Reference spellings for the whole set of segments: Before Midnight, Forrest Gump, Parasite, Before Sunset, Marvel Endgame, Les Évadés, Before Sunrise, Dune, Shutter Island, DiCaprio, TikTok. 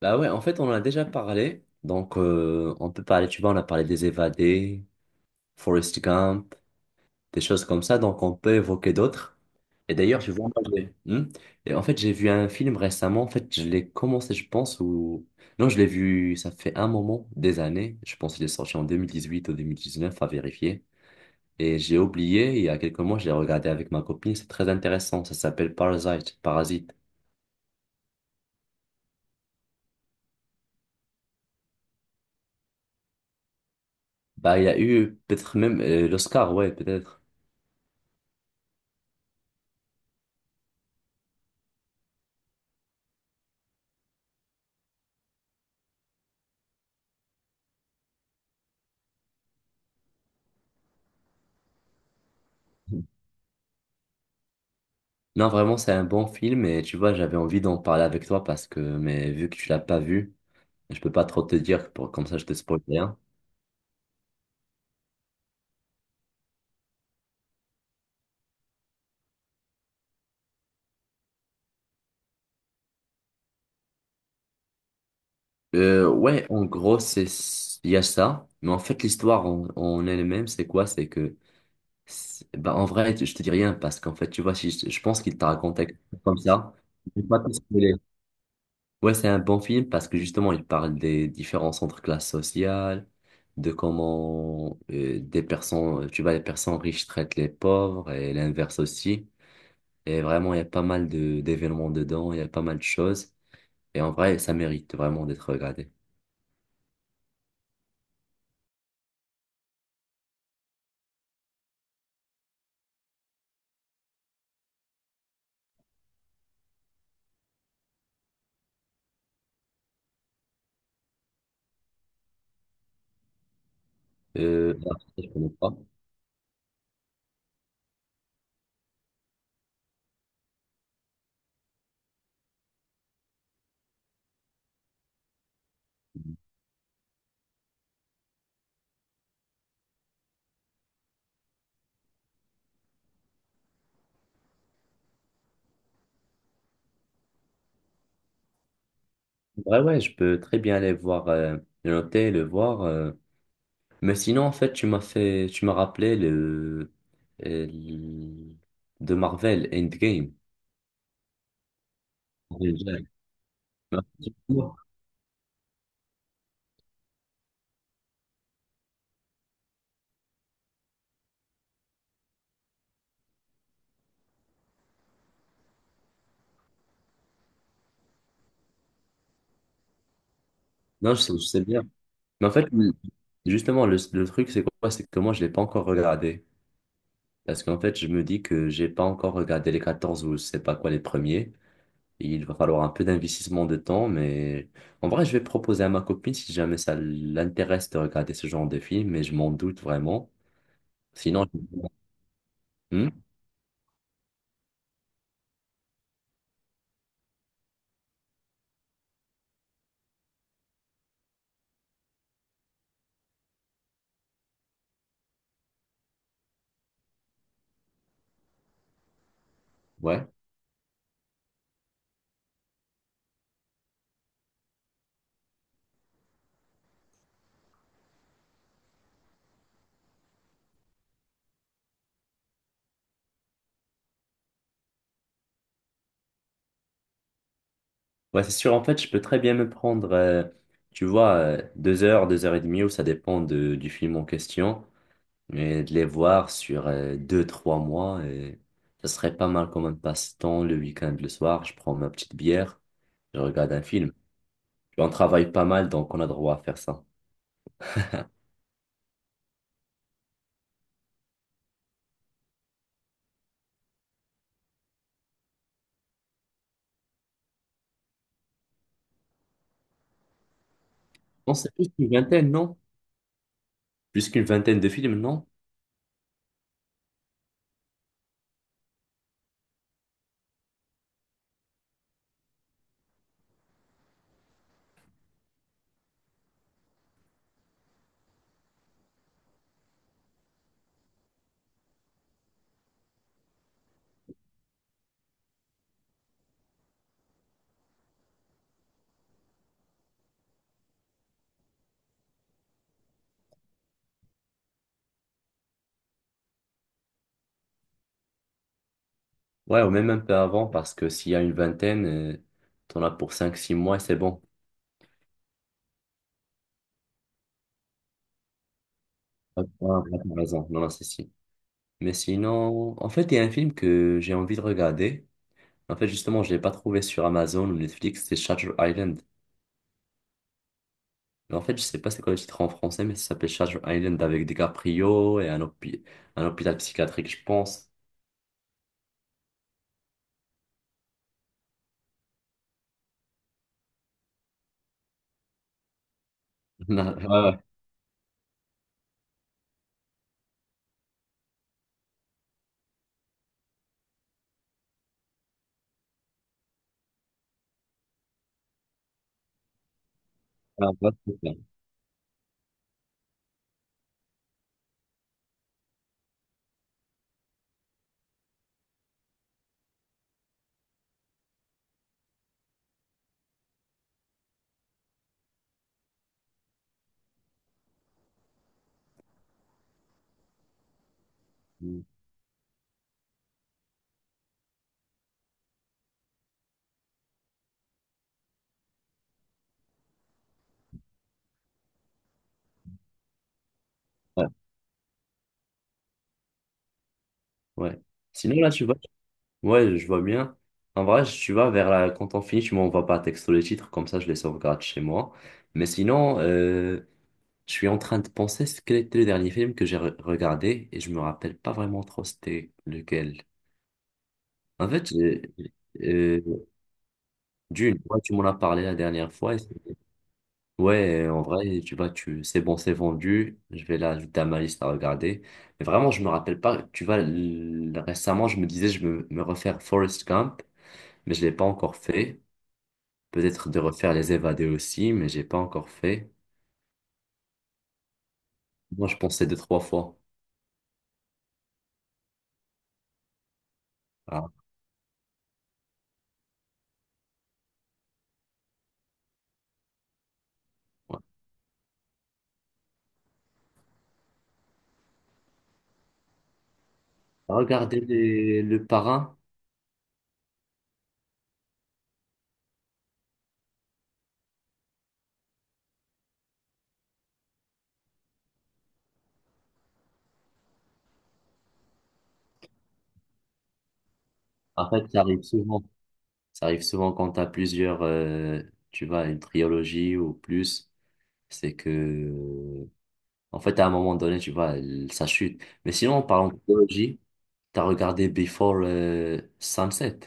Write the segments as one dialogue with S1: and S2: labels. S1: Bah ouais, en fait, on en a déjà parlé. Donc, on peut parler, tu vois, on a parlé des évadés, Forrest Gump, des choses comme ça. Donc, on peut évoquer d'autres. Et d'ailleurs, tu vois, moi, Et en fait, j'ai vu un film récemment. En fait, je l'ai commencé, je pense, ou... Non, je l'ai vu, ça fait un moment, des années. Je pense qu'il est sorti en 2018 ou 2019 à vérifier. Et j'ai oublié, il y a quelques mois, je l'ai regardé avec ma copine. C'est très intéressant. Ça s'appelle Parasite. Parasite. Bah, il y a eu peut-être même l'Oscar, ouais, peut-être. Non, vraiment, c'est un bon film et tu vois, j'avais envie d'en parler avec toi, parce que, mais vu que tu l'as pas vu, je peux pas trop te dire, pour, comme ça je te spoil rien. Ouais, en gros, c'est, il y a ça, mais en fait, l'histoire en elle-même, c'est quoi? C'est que, bah, en vrai, je te dis rien parce qu'en fait, tu vois, si je pense qu'il t'a raconté quelque chose comme ça, je vais pas te spoiler. Ouais, c'est un bon film parce que justement, il parle des différences entre classes sociales, de comment des personnes, tu vois, les personnes riches traitent les pauvres et l'inverse aussi. Et vraiment, il y a pas mal de d'événements dedans, il y a pas mal de choses. Et en vrai, ça mérite vraiment d'être regardé. Après, je connais pas. Ouais, ouais, je peux très bien aller voir, le noter, le voir. Mais sinon, en fait, tu m'as rappelé euh, le- de Marvel Endgame. Non, non, je sais bien. Mais en fait, justement, le truc, c'est quoi? C'est que moi, je l'ai pas encore regardé. Parce qu'en fait, je me dis que j'ai pas encore regardé les 14 ou je sais pas quoi, les premiers. Il va falloir un peu d'investissement de temps, mais en vrai, je vais proposer à ma copine si jamais ça l'intéresse de regarder ce genre de film, mais je m'en doute vraiment. Sinon, Hmm. Ouais. Ouais, c'est sûr. En fait, je peux très bien me prendre, tu vois, 2 heures, 2 heures et demie, ou ça dépend du film en question. Mais de les voir sur 2, 3 mois, et ça serait pas mal comme un passe-temps. Le week-end, le soir, je prends ma petite bière, je regarde un film. Et on travaille pas mal, donc on a droit à faire ça. Non, c'est plus qu'une vingtaine, non? Plus qu'une vingtaine de films, non? Ouais, ou même un peu avant, parce que s'il y a une vingtaine, t'en as pour 5, 6 mois, et c'est bon. Ouais, ouais, t'as raison. Non, non, c'est si. Mais sinon, en fait, il y a un film que j'ai envie de regarder. En fait, justement, je l'ai pas trouvé sur Amazon ou Netflix, c'est Shutter Island. Mais en fait, je sais pas c'est quoi le titre en français, mais ça s'appelle Shutter Island, avec DiCaprio et un hôpital psychiatrique, je pense. Ouais, ouais. Ah, bah, c'est ça. Mm. Ouais. Ouais. Sinon, là, tu vois, ouais, je vois bien. En vrai, tu vois, quand on finit, tu m'envoies par texto les titres, comme ça, je les sauvegarde chez moi. Mais sinon, je suis en train de penser ce quel était le dernier film que j'ai regardé et je me rappelle pas vraiment trop c'était lequel. En fait, euh, Dune, ouais, tu m'en as parlé la dernière fois. Ouais, en vrai, tu vois, tu, c'est bon, c'est vendu. Je vais l'ajouter à ma liste à regarder. Mais vraiment, je me rappelle pas. Tu vois, l- récemment, je me disais, je me refaire Forrest Gump, mais je l'ai pas encore fait. Peut-être de refaire Les Évadés aussi, mais j'ai pas encore fait. Moi, je pensais deux, trois fois. Ah, ouais. Regarder le Parrain. En fait, ça arrive souvent. Ça arrive souvent quand t'as plusieurs, tu vois, une trilogie ou plus. C'est que en fait, à un moment donné, tu vois, elle- ça chute. Mais sinon, en parlant de trilogie, tu as regardé Before Sunset.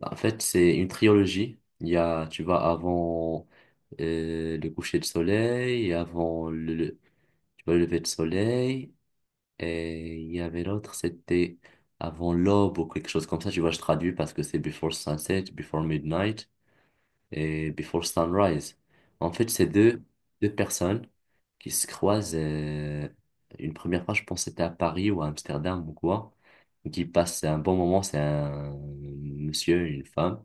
S1: Bah, en fait, c'est une trilogie. Il y a, tu vois, avant le coucher de soleil, et avant tu vois, le lever de soleil, et il y avait l'autre, c'était avant l'aube ou quelque chose comme ça. Tu vois, je traduis parce que c'est Before Sunset, Before Midnight et Before Sunrise. En fait, c'est deux, deux personnes qui se croisent une première fois, je pense que c'était à Paris ou à Amsterdam ou quoi, qui passent un bon moment, c'est un monsieur, une femme,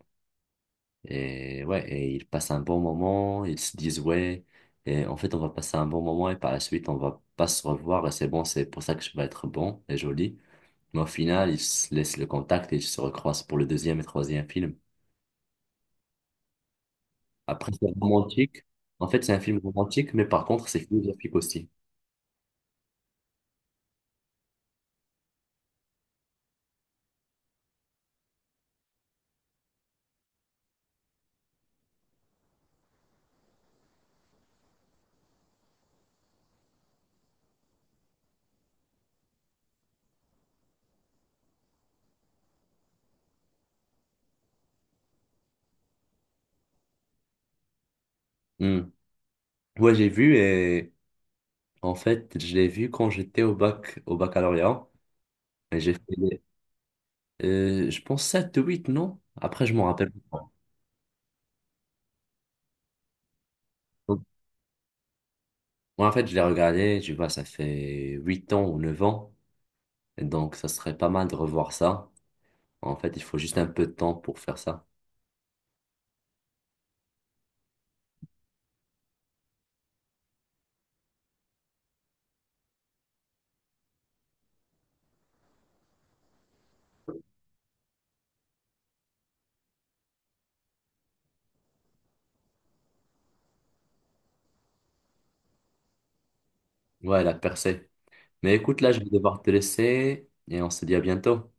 S1: et ouais, et ils passent un bon moment, ils se disent ouais, et en fait, on va passer un bon moment et par la suite, on va pas se revoir et c'est bon, c'est pour ça que je vais être bon et joli. Mais au final, ils se laissent le contact et ils se recroisent pour le deuxième et troisième film. Après, c'est romantique. En fait, c'est un film romantique, mais par contre, c'est philosophique aussi. Hmm. Ouais, j'ai vu et en fait, je l'ai vu quand j'étais au bac, au baccalauréat. Et j'ai fait, je pense 7, ou 8, non? Après, je m'en rappelle pas. Donc, ouais, en fait, je l'ai regardé, tu vois, ça fait 8 ans ou 9 ans. Et donc, ça serait pas mal de revoir ça. En fait, il faut juste un peu de temps pour faire ça. Ouais, la percée. Mais écoute, là, je vais devoir te laisser et on se dit à bientôt.